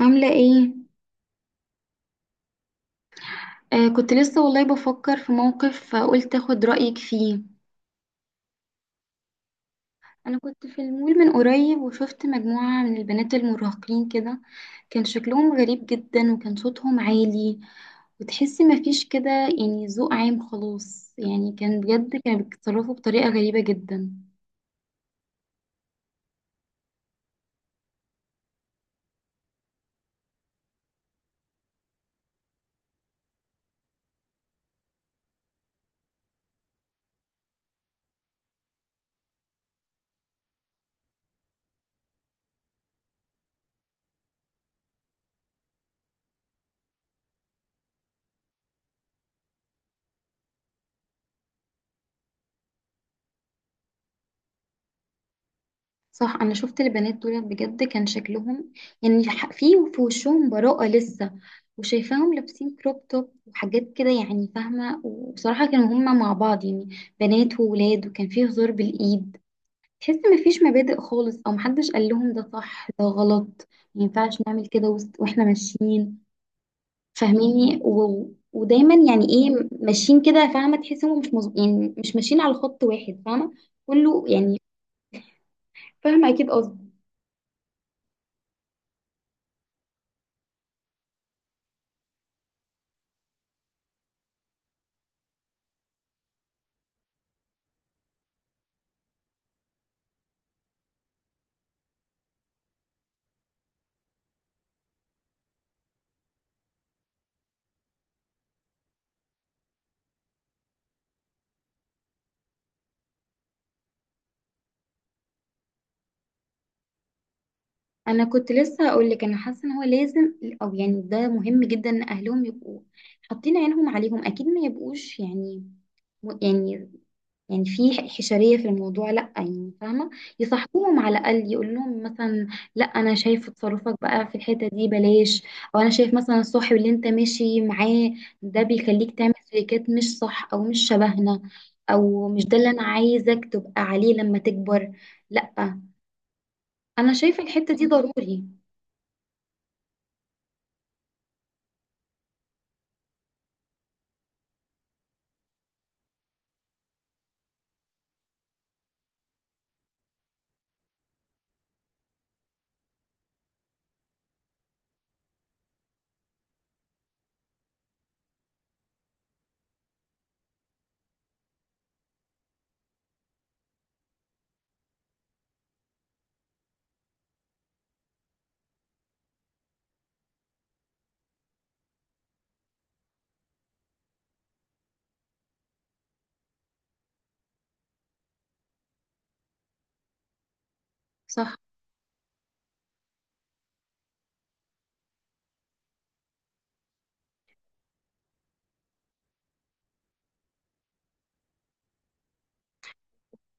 عاملة ايه؟ كنت لسه والله بفكر في موقف، قلت اخد رأيك فيه. انا كنت في المول من قريب وشفت مجموعة من البنات المراهقين كده. كان شكلهم غريب جدا وكان صوتهم عالي، وتحسي مفيش كده يعني ذوق عام خلاص، يعني كان بجد كانوا بيتصرفوا بطريقة غريبة جدا. صح، انا شفت البنات دول بجد كان شكلهم يعني في وشهم براءة لسه، وشايفاهم لابسين كروب توب وحاجات كده يعني، فاهمة. وبصراحة كانوا هما مع بعض يعني بنات وولاد، وكان فيه هزار بالإيد. تحس مفيش مبادئ خالص او محدش قال لهم ده صح ده غلط، ما ينفعش نعمل كده واحنا ماشيين، فاهميني ودايما يعني ايه ماشيين كده، فاهمة، تحس هم مش مز... يعني مش ماشيين على خط واحد، فاهمة كله يعني، فاهمة اكيد قصدي. انا كنت لسه هقول لك، انا حاسه ان هو لازم، او يعني ده مهم جدا ان اهلهم يبقوا حاطين عينهم عليهم، اكيد ما يبقوش يعني، يعني يعني في حشريه في الموضوع لا، يعني فاهمه، يصاحبوهم على الاقل، يقول لهم مثلا لا انا شايف تصرفك بقى في الحته دي بلاش، او انا شايف مثلا الصاحب اللي انت ماشي معاه ده بيخليك تعمل سلوكيات مش صح او مش شبهنا، او مش ده اللي انا عايزك تبقى عليه لما تكبر. لا، انا شايفه الحته دي ضروري. صح،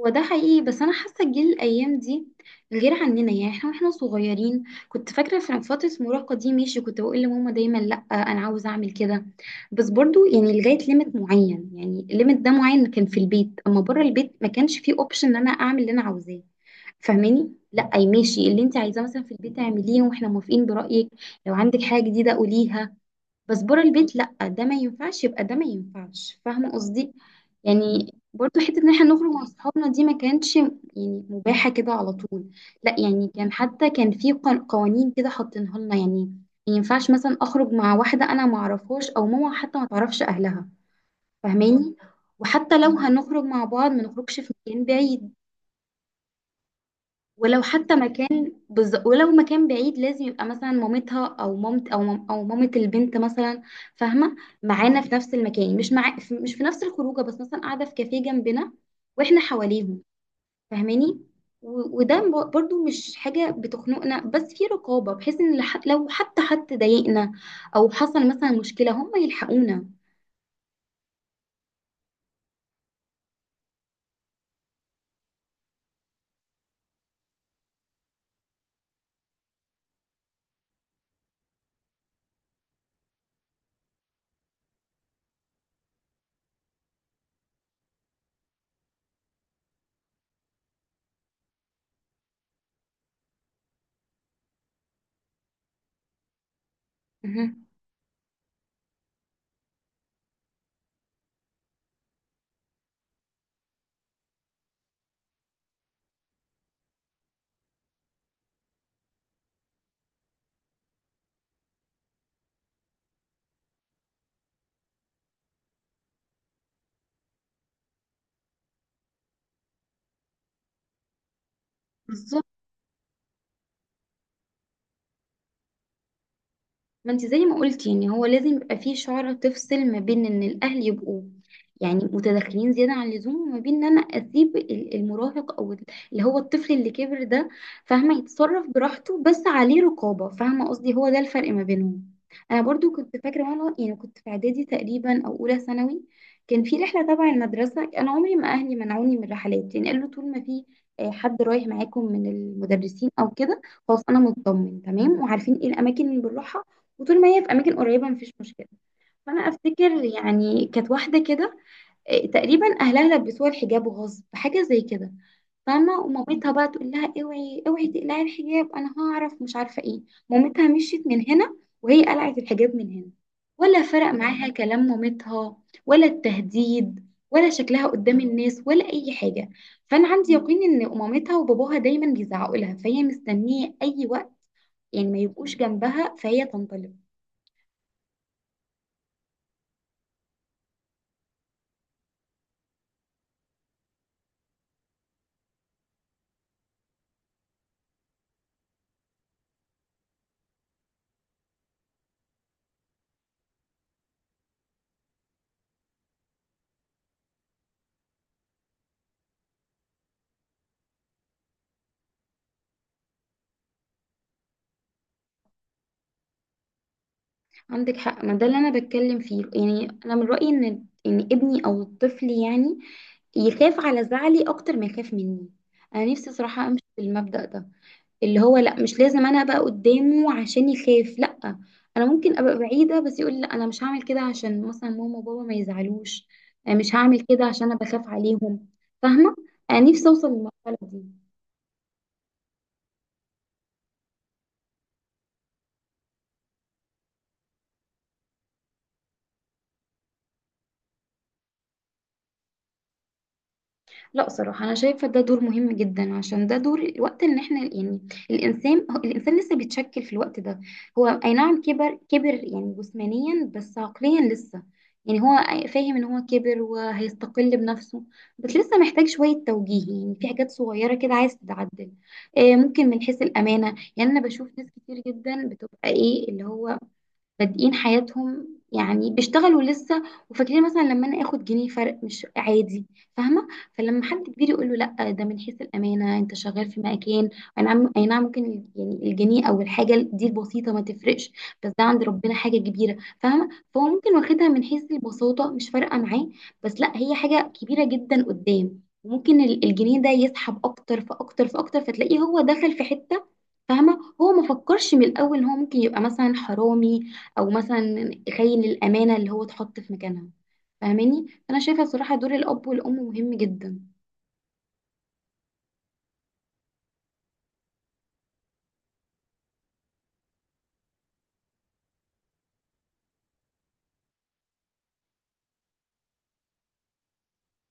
هو ده حقيقي، بس انا حاسه الجيل الايام دي غير عننا. يعني احنا واحنا صغيرين كنت فاكره في فتره المراهقه دي، ماشي، كنت بقول لماما دايما لا انا عاوز اعمل كده، بس برضو يعني لغايه ليميت معين. يعني الليميت ده معين كان في البيت، اما بره البيت ما كانش فيه اوبشن ان انا اعمل اللي انا عاوزاه، فاهماني. لا، اي، ماشي اللي انت عايزاه مثلا في البيت اعمليه واحنا موافقين برايك، لو عندك حاجه جديده قوليها، بس بره البيت لأ، ده ما ينفعش، يبقى ده ما ينفعش، فاهمة قصدي. يعني برضو حتة ان احنا نخرج مع صحابنا دي ما كانتش يعني مباحة كده على طول، لأ يعني كان حتى كان في قوانين كده حاطينها لنا يعني، ما ينفعش مثلا اخرج مع واحدة انا ما اعرفهاش، او ماما حتى ما تعرفش اهلها، فاهماني. وحتى لو هنخرج مع بعض ما نخرجش في مكان بعيد، ولو حتى ولو مكان بعيد لازم يبقى مثلا مامتها او او مامة البنت مثلا، فاهمه، معانا في نفس المكان، مش مع مش في نفس الخروجه، بس مثلا قاعده في كافيه جنبنا واحنا حواليهم، فاهماني. وده برضو مش حاجه بتخنقنا، بس في رقابه، بحيث ان لو حتى حد ضايقنا او حصل مثلا مشكله هم يلحقونا. مهم. ما انت زي ما قلتي ان هو لازم يبقى فيه شعرة تفصل ما بين ان الاهل يبقوا يعني متدخلين زيادة عن اللزوم، وما بين ان انا اسيب المراهق او اللي هو الطفل اللي كبر ده، فاهمة، يتصرف براحته بس عليه رقابة، فاهمة قصدي، هو ده الفرق ما بينهم. انا برضو كنت فاكرة، وانا يعني كنت في اعدادي تقريبا او اولى ثانوي، كان في رحلة تبع المدرسة. انا عمري ما اهلي منعوني من الرحلات، يعني قالوا طول ما في حد رايح معاكم من المدرسين او كده خلاص انا مطمن تمام، وعارفين ايه الاماكن اللي بنروحها، وطول ما هي في اماكن قريبه مفيش مشكله. فانا افتكر يعني كانت واحده كده، تقريبا اهلها لبسوها الحجاب غصب، حاجه زي كده، فاهمه، ومامتها بقى تقول لها اوعي اوعي تقلعي الحجاب، انا هعرف مش عارفه ايه. مامتها مشيت من هنا وهي قلعت الحجاب من هنا، ولا فرق معاها كلام مامتها ولا التهديد ولا شكلها قدام الناس ولا اي حاجه. فانا عندي يقين ان مامتها وباباها دايما بيزعقوا لها، فهي مستنيه اي وقت يعني ما يبقوش جنبها فهي تنطلق. عندك حق، ما ده اللي انا بتكلم فيه، يعني انا من رأيي ان ان ابني او الطفل يعني يخاف على زعلي اكتر ما يخاف مني. انا نفسي صراحة امشي بالمبدأ ده، اللي هو لا مش لازم انا ابقى قدامه عشان يخاف، لا، انا ممكن ابقى بعيدة بس يقول لا انا مش هعمل كده عشان مثلا ماما وبابا ما يزعلوش، أنا مش هعمل كده عشان انا بخاف عليهم، فاهمة. انا نفسي اوصل للمرحلة دي. لا صراحة، أنا شايفة ده دور مهم جدا، عشان ده دور الوقت إن إحنا يعني الإنسان الإنسان لسه بيتشكل في الوقت ده. هو أي نعم كبر يعني جسمانيا، بس عقليا لسه يعني هو فاهم إن هو كبر وهيستقل بنفسه، بس لسه محتاج شوية توجيه يعني في حاجات صغيرة كده عايز تتعدل. ممكن من حيث الأمانة، يعني أنا بشوف ناس كتير جدا بتبقى إيه اللي هو بادئين حياتهم يعني بيشتغلوا لسه، وفاكرين مثلا لما انا اخد جنيه فرق مش عادي، فاهمه. فلما حد كبير يقول له لا، ده من حيث الامانه انت شغال في مكان، اي نعم اي نعم ممكن يعني الجنيه او الحاجه دي البسيطه ما تفرقش، بس ده عند ربنا حاجه كبيره، فاهمه. فهو ممكن واخدها من حيث البساطه مش فارقه معاه، بس لا، هي حاجه كبيره جدا قدام، وممكن الجنيه ده يسحب اكتر فاكتر فاكتر، فتلاقيه هو دخل في حته، فاهمه، هو ما فكرش من الاول ان هو ممكن يبقى مثلا حرامي او مثلا يخيل الامانه اللي هو اتحط في مكانها، فاهماني. فانا شايفه الصراحه دور الاب والام مهم جدا.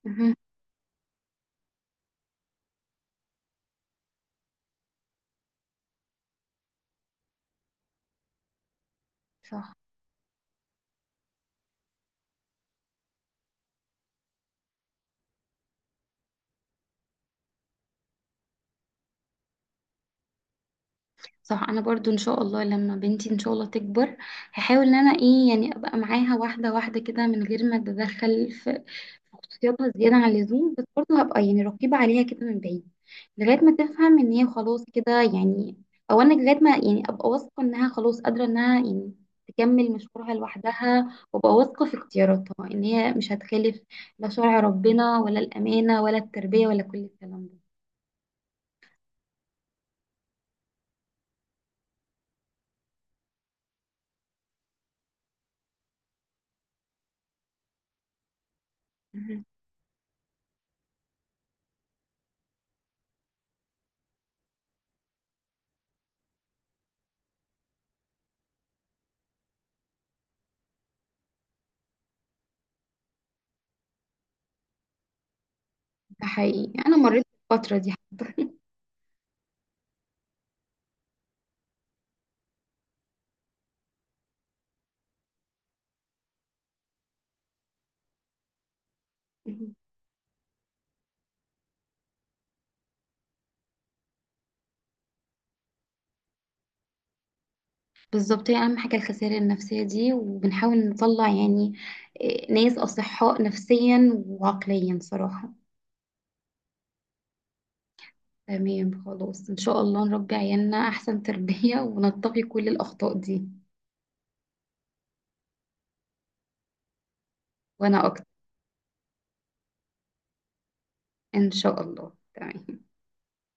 مهم. صح صح، انا برضو ان شاء الله لما بنتي ان شاء الله تكبر هحاول ان انا ايه يعني ابقى معاها واحده واحده كده من غير ما اتدخل في في خصوصياتها زياده عن اللزوم، بس برضو هبقى يعني رقيبه عليها كده من بعيد، لغايه ما تفهم ان هي خلاص كده يعني، او انا لغايه ما يعني ابقى واثقه انها خلاص قادره انها يعني تكمل مشوارها لوحدها، وابقى واثقه في اختياراتها ان هي مش هتخالف لا شرع ربنا ولا الامانه ولا التربيه ولا كل الكلام ده. مهم. ده حقيقي، انا مريت بالفتره دي حتى. بالظبط، هي أهم حاجة الخسائر النفسية دي، وبنحاول نطلع يعني ناس أصحاء نفسيا وعقليا صراحة. تمام، خلاص إن شاء الله نربي عيالنا أحسن تربية ونتقي كل الأخطاء دي. وأنا أكتر، إن شاء الله، تمام.